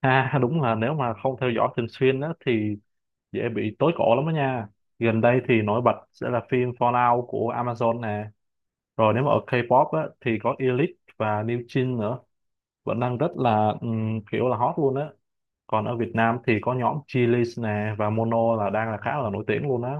À đúng là nếu mà không theo dõi thường xuyên á thì dễ bị tối cổ lắm đó nha. Gần đây thì nổi bật sẽ là phim Fallout của Amazon nè. Rồi nếu mà ở K-pop á thì có Elite và New Jeans nữa. Vẫn đang rất là kiểu là hot luôn á. Còn ở Việt Nam thì có nhóm Chillies nè và Mono là đang là khá là nổi tiếng luôn á.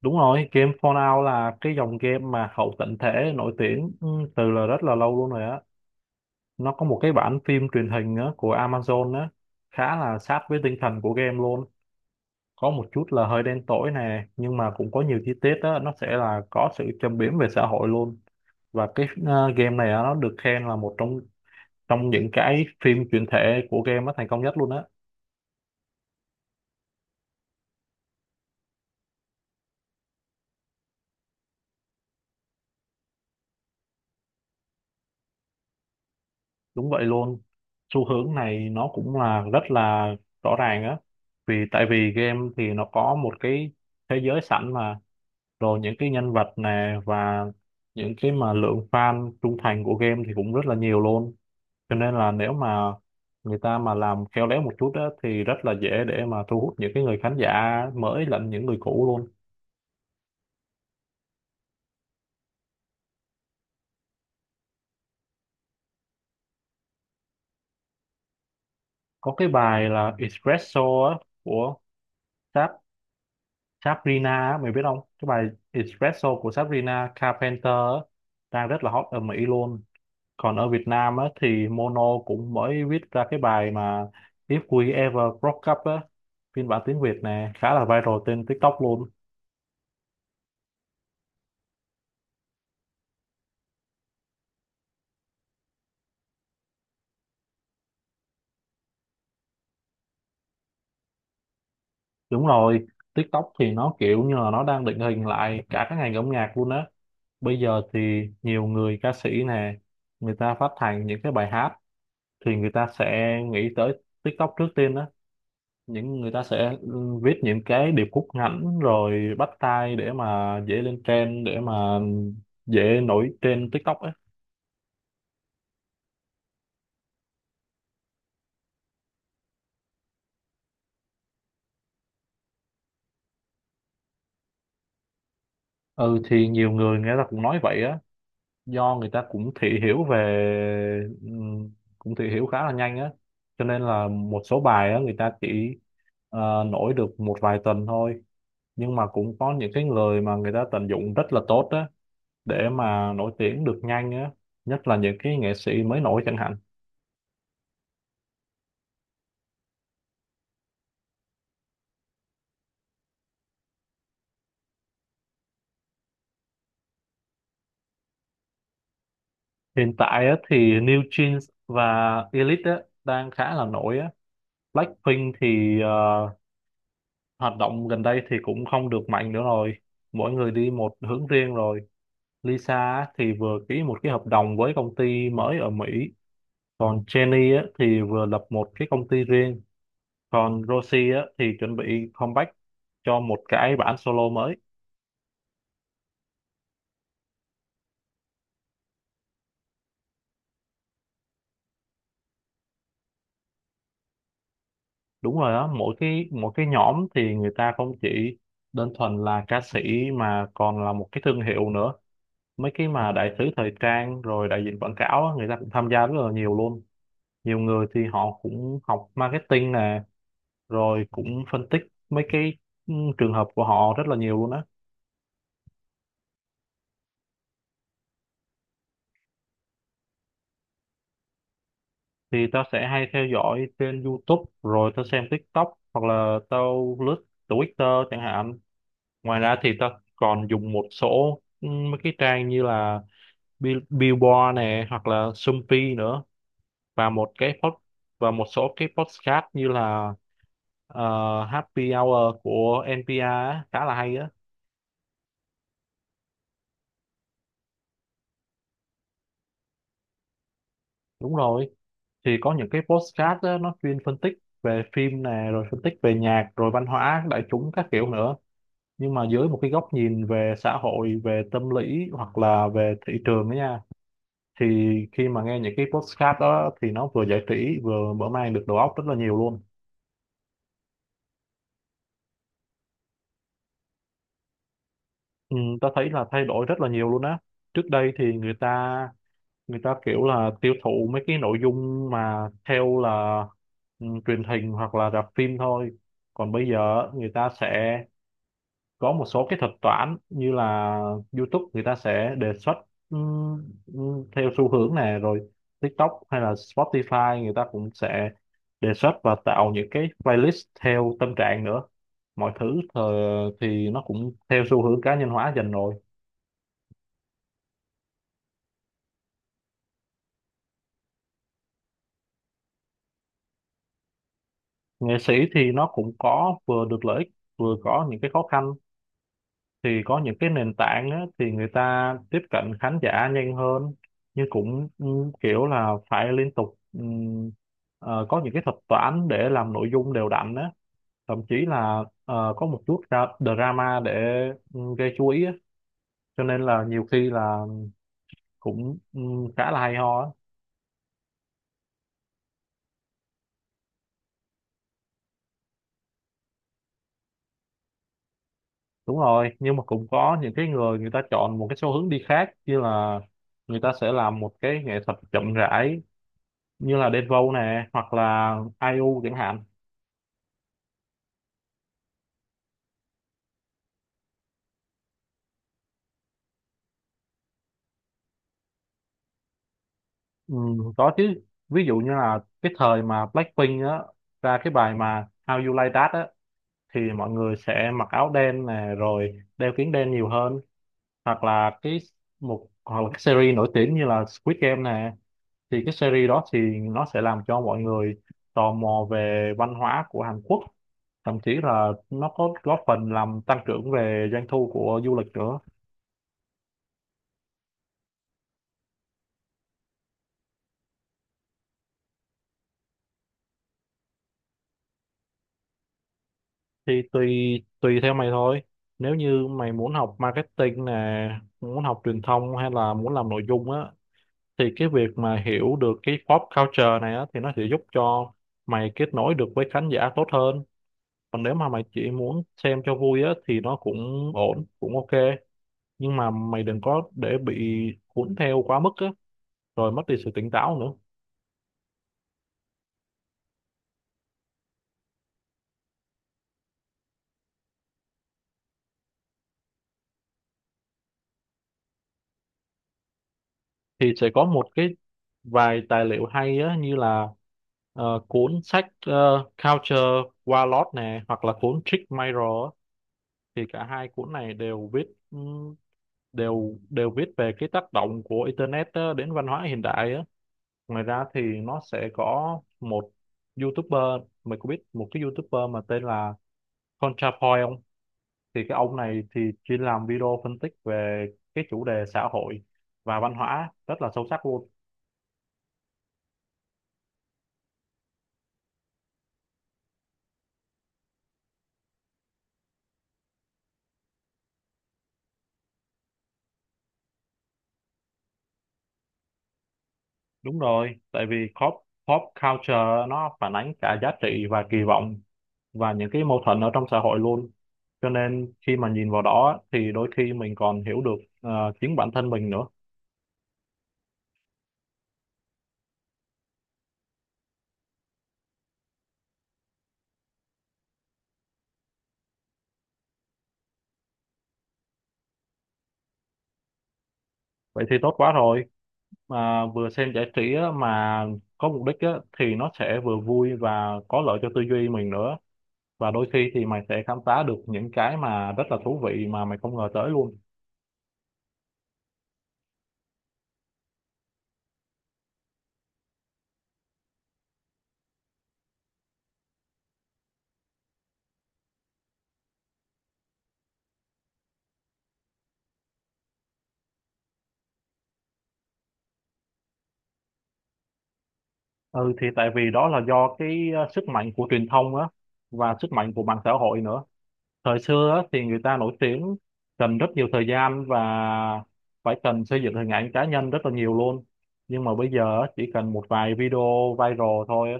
Đúng rồi, game Fallout là cái dòng game mà hậu tận thể nổi tiếng từ là rất là lâu luôn rồi á. Nó có một cái bản phim truyền hình á, của Amazon á, khá là sát với tinh thần của game luôn, có một chút là hơi đen tối nè, nhưng mà cũng có nhiều chi tiết đó nó sẽ là có sự châm biếm về xã hội luôn. Và cái game này á, nó được khen là một trong trong những cái phim chuyển thể của game nó thành công nhất luôn á. Đúng vậy luôn, xu hướng này nó cũng là rất là rõ ràng á, vì tại vì game thì nó có một cái thế giới sẵn mà, rồi những cái nhân vật nè và những cái mà lượng fan trung thành của game thì cũng rất là nhiều luôn. Cho nên là nếu mà người ta mà làm khéo léo một chút á, thì rất là dễ để mà thu hút những cái người khán giả mới lẫn những người cũ luôn. Có cái bài là Espresso á, của Sab Sabrina á, mày biết không, cái bài Espresso của Sabrina Carpenter á, đang rất là hot ở Mỹ luôn. Còn ở Việt Nam á, thì Mono cũng mới viết ra cái bài mà If We Ever Broke Up á, phiên bản tiếng Việt nè khá là viral trên TikTok luôn. Đúng rồi, TikTok thì nó kiểu như là nó đang định hình lại cả cái ngành âm nhạc luôn á. Bây giờ thì nhiều người ca sĩ nè, người ta phát hành những cái bài hát thì người ta sẽ nghĩ tới TikTok trước tiên á. Những người ta sẽ viết những cái điệp khúc ngắn rồi bắt tai để mà dễ lên trend, để mà dễ nổi trên TikTok á. Ừ thì nhiều người người ta cũng nói vậy á. Do người ta cũng thị hiểu về cũng thị hiểu khá là nhanh á, cho nên là một số bài á người ta chỉ nổi được một vài tuần thôi, nhưng mà cũng có những cái người mà người ta tận dụng rất là tốt á để mà nổi tiếng được nhanh á, nhất là những cái nghệ sĩ mới nổi chẳng hạn. Hiện tại á thì New Jeans và Elite á đang khá là nổi á. Blackpink thì hoạt động gần đây thì cũng không được mạnh nữa rồi, mỗi người đi một hướng riêng rồi. Lisa á, thì vừa ký một cái hợp đồng với công ty mới ở Mỹ, còn Jenny á, thì vừa lập một cái công ty riêng, còn Rosie á, thì chuẩn bị comeback cho một cái bản solo mới. Đúng rồi đó, mỗi cái nhóm thì người ta không chỉ đơn thuần là ca sĩ mà còn là một cái thương hiệu nữa. Mấy cái mà đại sứ thời trang rồi đại diện quảng cáo á, người ta cũng tham gia rất là nhiều luôn. Nhiều người thì họ cũng học marketing nè, rồi cũng phân tích mấy cái trường hợp của họ rất là nhiều luôn á. Thì tao sẽ hay theo dõi trên YouTube rồi tao xem TikTok hoặc là tao lướt Twitter chẳng hạn. Ngoài ra thì tao còn dùng một số mấy cái trang như là Billboard này hoặc là Sumpy nữa, và một cái pod, và một số cái podcast như là ờ, Happy Hour của NPR á, khá là hay á. Đúng rồi, thì có những cái podcast á, nó chuyên phân tích về phim nè, rồi phân tích về nhạc rồi văn hóa đại chúng các kiểu nữa, nhưng mà dưới một cái góc nhìn về xã hội, về tâm lý hoặc là về thị trường đó nha. Thì khi mà nghe những cái podcast đó thì nó vừa giải trí vừa mở mang được đầu óc rất là nhiều luôn. Ừ, ta thấy là thay đổi rất là nhiều luôn á. Trước đây thì người ta kiểu là tiêu thụ mấy cái nội dung mà theo là truyền hình hoặc là rạp phim thôi, còn bây giờ người ta sẽ có một số cái thuật toán như là YouTube người ta sẽ đề xuất theo xu hướng này rồi. TikTok hay là Spotify người ta cũng sẽ đề xuất và tạo những cái playlist theo tâm trạng nữa. Mọi thứ thì nó cũng theo xu hướng cá nhân hóa dần rồi. Nghệ sĩ thì nó cũng có vừa được lợi ích, vừa có những cái khó khăn. Thì có những cái nền tảng á, thì người ta tiếp cận khán giả nhanh hơn, nhưng cũng kiểu là phải liên tục có những cái thuật toán để làm nội dung đều đặn á, thậm chí là có một chút ra drama để gây chú ý á. Cho nên là nhiều khi là cũng khá là hay ho á. Đúng rồi, nhưng mà cũng có những cái người người ta chọn một cái xu hướng đi khác, như là người ta sẽ làm một cái nghệ thuật chậm rãi như là Đen Vâu nè hoặc là ai IU chẳng hạn. Ừ, có chứ. Ví dụ như là cái thời mà Blackpink á ra cái bài mà How You Like That á, thì mọi người sẽ mặc áo đen nè rồi đeo kính đen nhiều hơn. Hoặc là cái series nổi tiếng như là Squid Game nè, thì cái series đó thì nó sẽ làm cho mọi người tò mò về văn hóa của Hàn Quốc, thậm chí là nó có góp phần làm tăng trưởng về doanh thu của du lịch nữa. Thì tùy, tùy theo mày thôi. Nếu như mày muốn học marketing nè, muốn học truyền thông hay là muốn làm nội dung á, thì cái việc mà hiểu được cái pop culture này á thì nó sẽ giúp cho mày kết nối được với khán giả tốt hơn. Còn nếu mà mày chỉ muốn xem cho vui á thì nó cũng ổn, cũng ok, nhưng mà mày đừng có để bị cuốn theo quá mức á rồi mất đi sự tỉnh táo nữa. Thì sẽ có một vài tài liệu hay á, như là cuốn sách Culture Warlord nè hoặc là cuốn Trick Mirror á. Thì cả hai cuốn này đều viết ừm, đều đều viết về cái tác động của internet á, đến văn hóa hiện đại á. Ngoài ra thì nó sẽ có một YouTuber, mày có biết một cái YouTuber mà tên là ContraPoint không? Thì cái ông này thì chuyên làm video phân tích về cái chủ đề xã hội và văn hóa rất là sâu sắc luôn. Đúng rồi, tại vì pop pop culture nó phản ánh cả giá trị và kỳ vọng và những cái mâu thuẫn ở trong xã hội luôn. Cho nên khi mà nhìn vào đó á, thì đôi khi mình còn hiểu được chính bản thân mình nữa. Vậy thì tốt quá rồi. Mà vừa xem giải trí á, mà có mục đích á, thì nó sẽ vừa vui và có lợi cho tư duy mình nữa. Và đôi khi thì mày sẽ khám phá được những cái mà rất là thú vị mà mày không ngờ tới luôn. Ừ thì tại vì đó là do cái sức mạnh của truyền thông á và sức mạnh của mạng xã hội nữa. Thời xưa á, thì người ta nổi tiếng cần rất nhiều thời gian và phải cần xây dựng hình ảnh cá nhân rất là nhiều luôn. Nhưng mà bây giờ á, chỉ cần một vài video viral thôi á,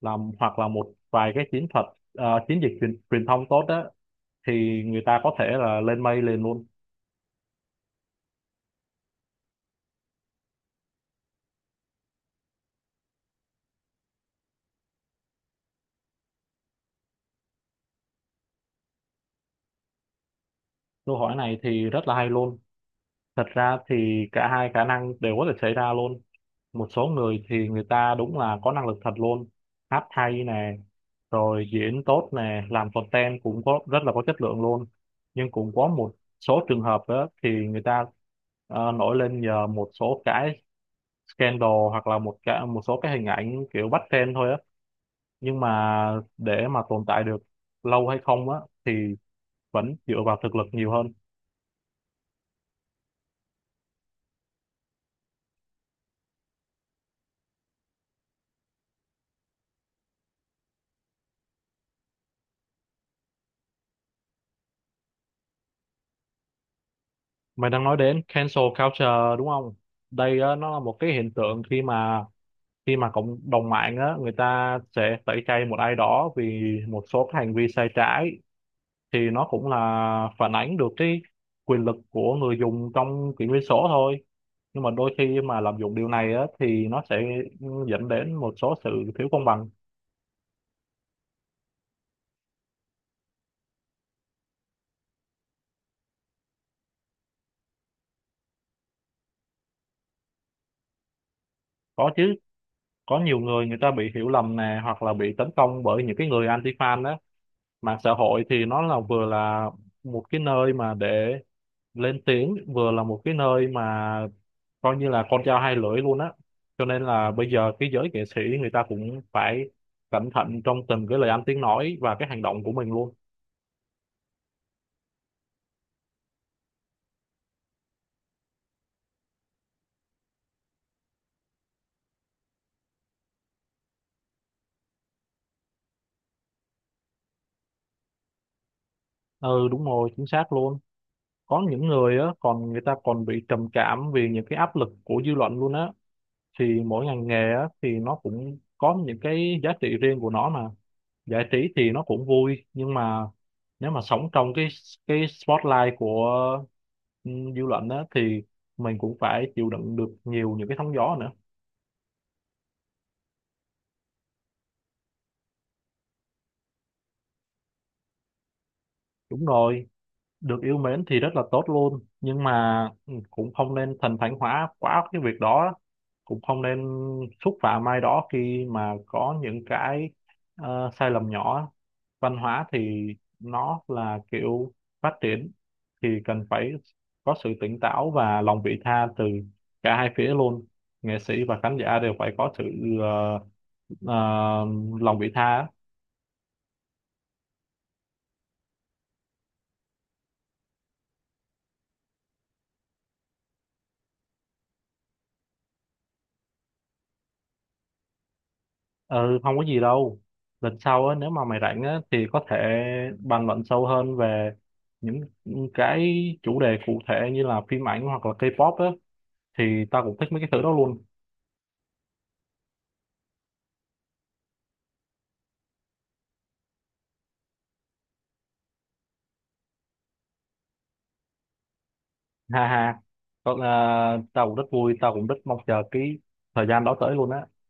làm hoặc là một vài cái chiến thuật, à, chiến dịch truyền thông tốt á thì người ta có thể là lên mây liền luôn. Câu hỏi này thì rất là hay luôn. Thật ra thì cả hai khả năng đều có thể xảy ra luôn. Một số người thì người ta đúng là có năng lực thật luôn, hát hay nè, rồi diễn tốt nè, làm content cũng có rất là có chất lượng luôn. Nhưng cũng có một số trường hợp đó thì người ta nổi lên nhờ một số cái scandal hoặc là một số cái hình ảnh kiểu bắt trend thôi á, nhưng mà để mà tồn tại được lâu hay không á thì vẫn dựa vào thực lực nhiều hơn. Mày đang nói đến cancel culture đúng không? Đây á, nó là một cái hiện tượng khi mà cộng đồng mạng á người ta sẽ tẩy chay một ai đó vì một số cái hành vi sai trái. Thì nó cũng là phản ánh được cái quyền lực của người dùng trong kỷ nguyên số thôi, nhưng mà đôi khi mà lạm dụng điều này á thì nó sẽ dẫn đến một số sự thiếu công bằng. Có chứ, có nhiều người người ta bị hiểu lầm nè hoặc là bị tấn công bởi những cái người anti fan á. Mạng xã hội thì nó là vừa là một cái nơi mà để lên tiếng, vừa là một cái nơi mà coi như là con dao hai lưỡi luôn á. Cho nên là bây giờ cái giới nghệ sĩ người ta cũng phải cẩn thận trong từng cái lời ăn tiếng nói và cái hành động của mình luôn. Ừ đúng rồi, chính xác luôn. Có những người á còn người ta còn bị trầm cảm vì những cái áp lực của dư luận luôn á. Thì mỗi ngành nghề á thì nó cũng có những cái giá trị riêng của nó mà, giải trí thì nó cũng vui, nhưng mà nếu mà sống trong cái spotlight của dư luận á thì mình cũng phải chịu đựng được nhiều những cái sóng gió nữa. Đúng rồi, được yêu mến thì rất là tốt luôn, nhưng mà cũng không nên thần thánh hóa quá cái việc đó, cũng không nên xúc phạm ai đó khi mà có những cái sai lầm nhỏ. Văn hóa thì nó là kiểu phát triển thì cần phải có sự tỉnh táo và lòng vị tha từ cả hai phía luôn. Nghệ sĩ và khán giả đều phải có sự ờ, ờ, lòng vị tha á. Ừ không có gì đâu, lần sau á nếu mà mày rảnh á thì có thể bàn luận sâu hơn về những cái chủ đề cụ thể như là phim ảnh hoặc là K-pop á, thì tao cũng thích mấy cái thứ đó luôn. Ha ha, còn à, tao cũng rất vui, tao cũng rất mong chờ cái thời gian đó tới luôn á.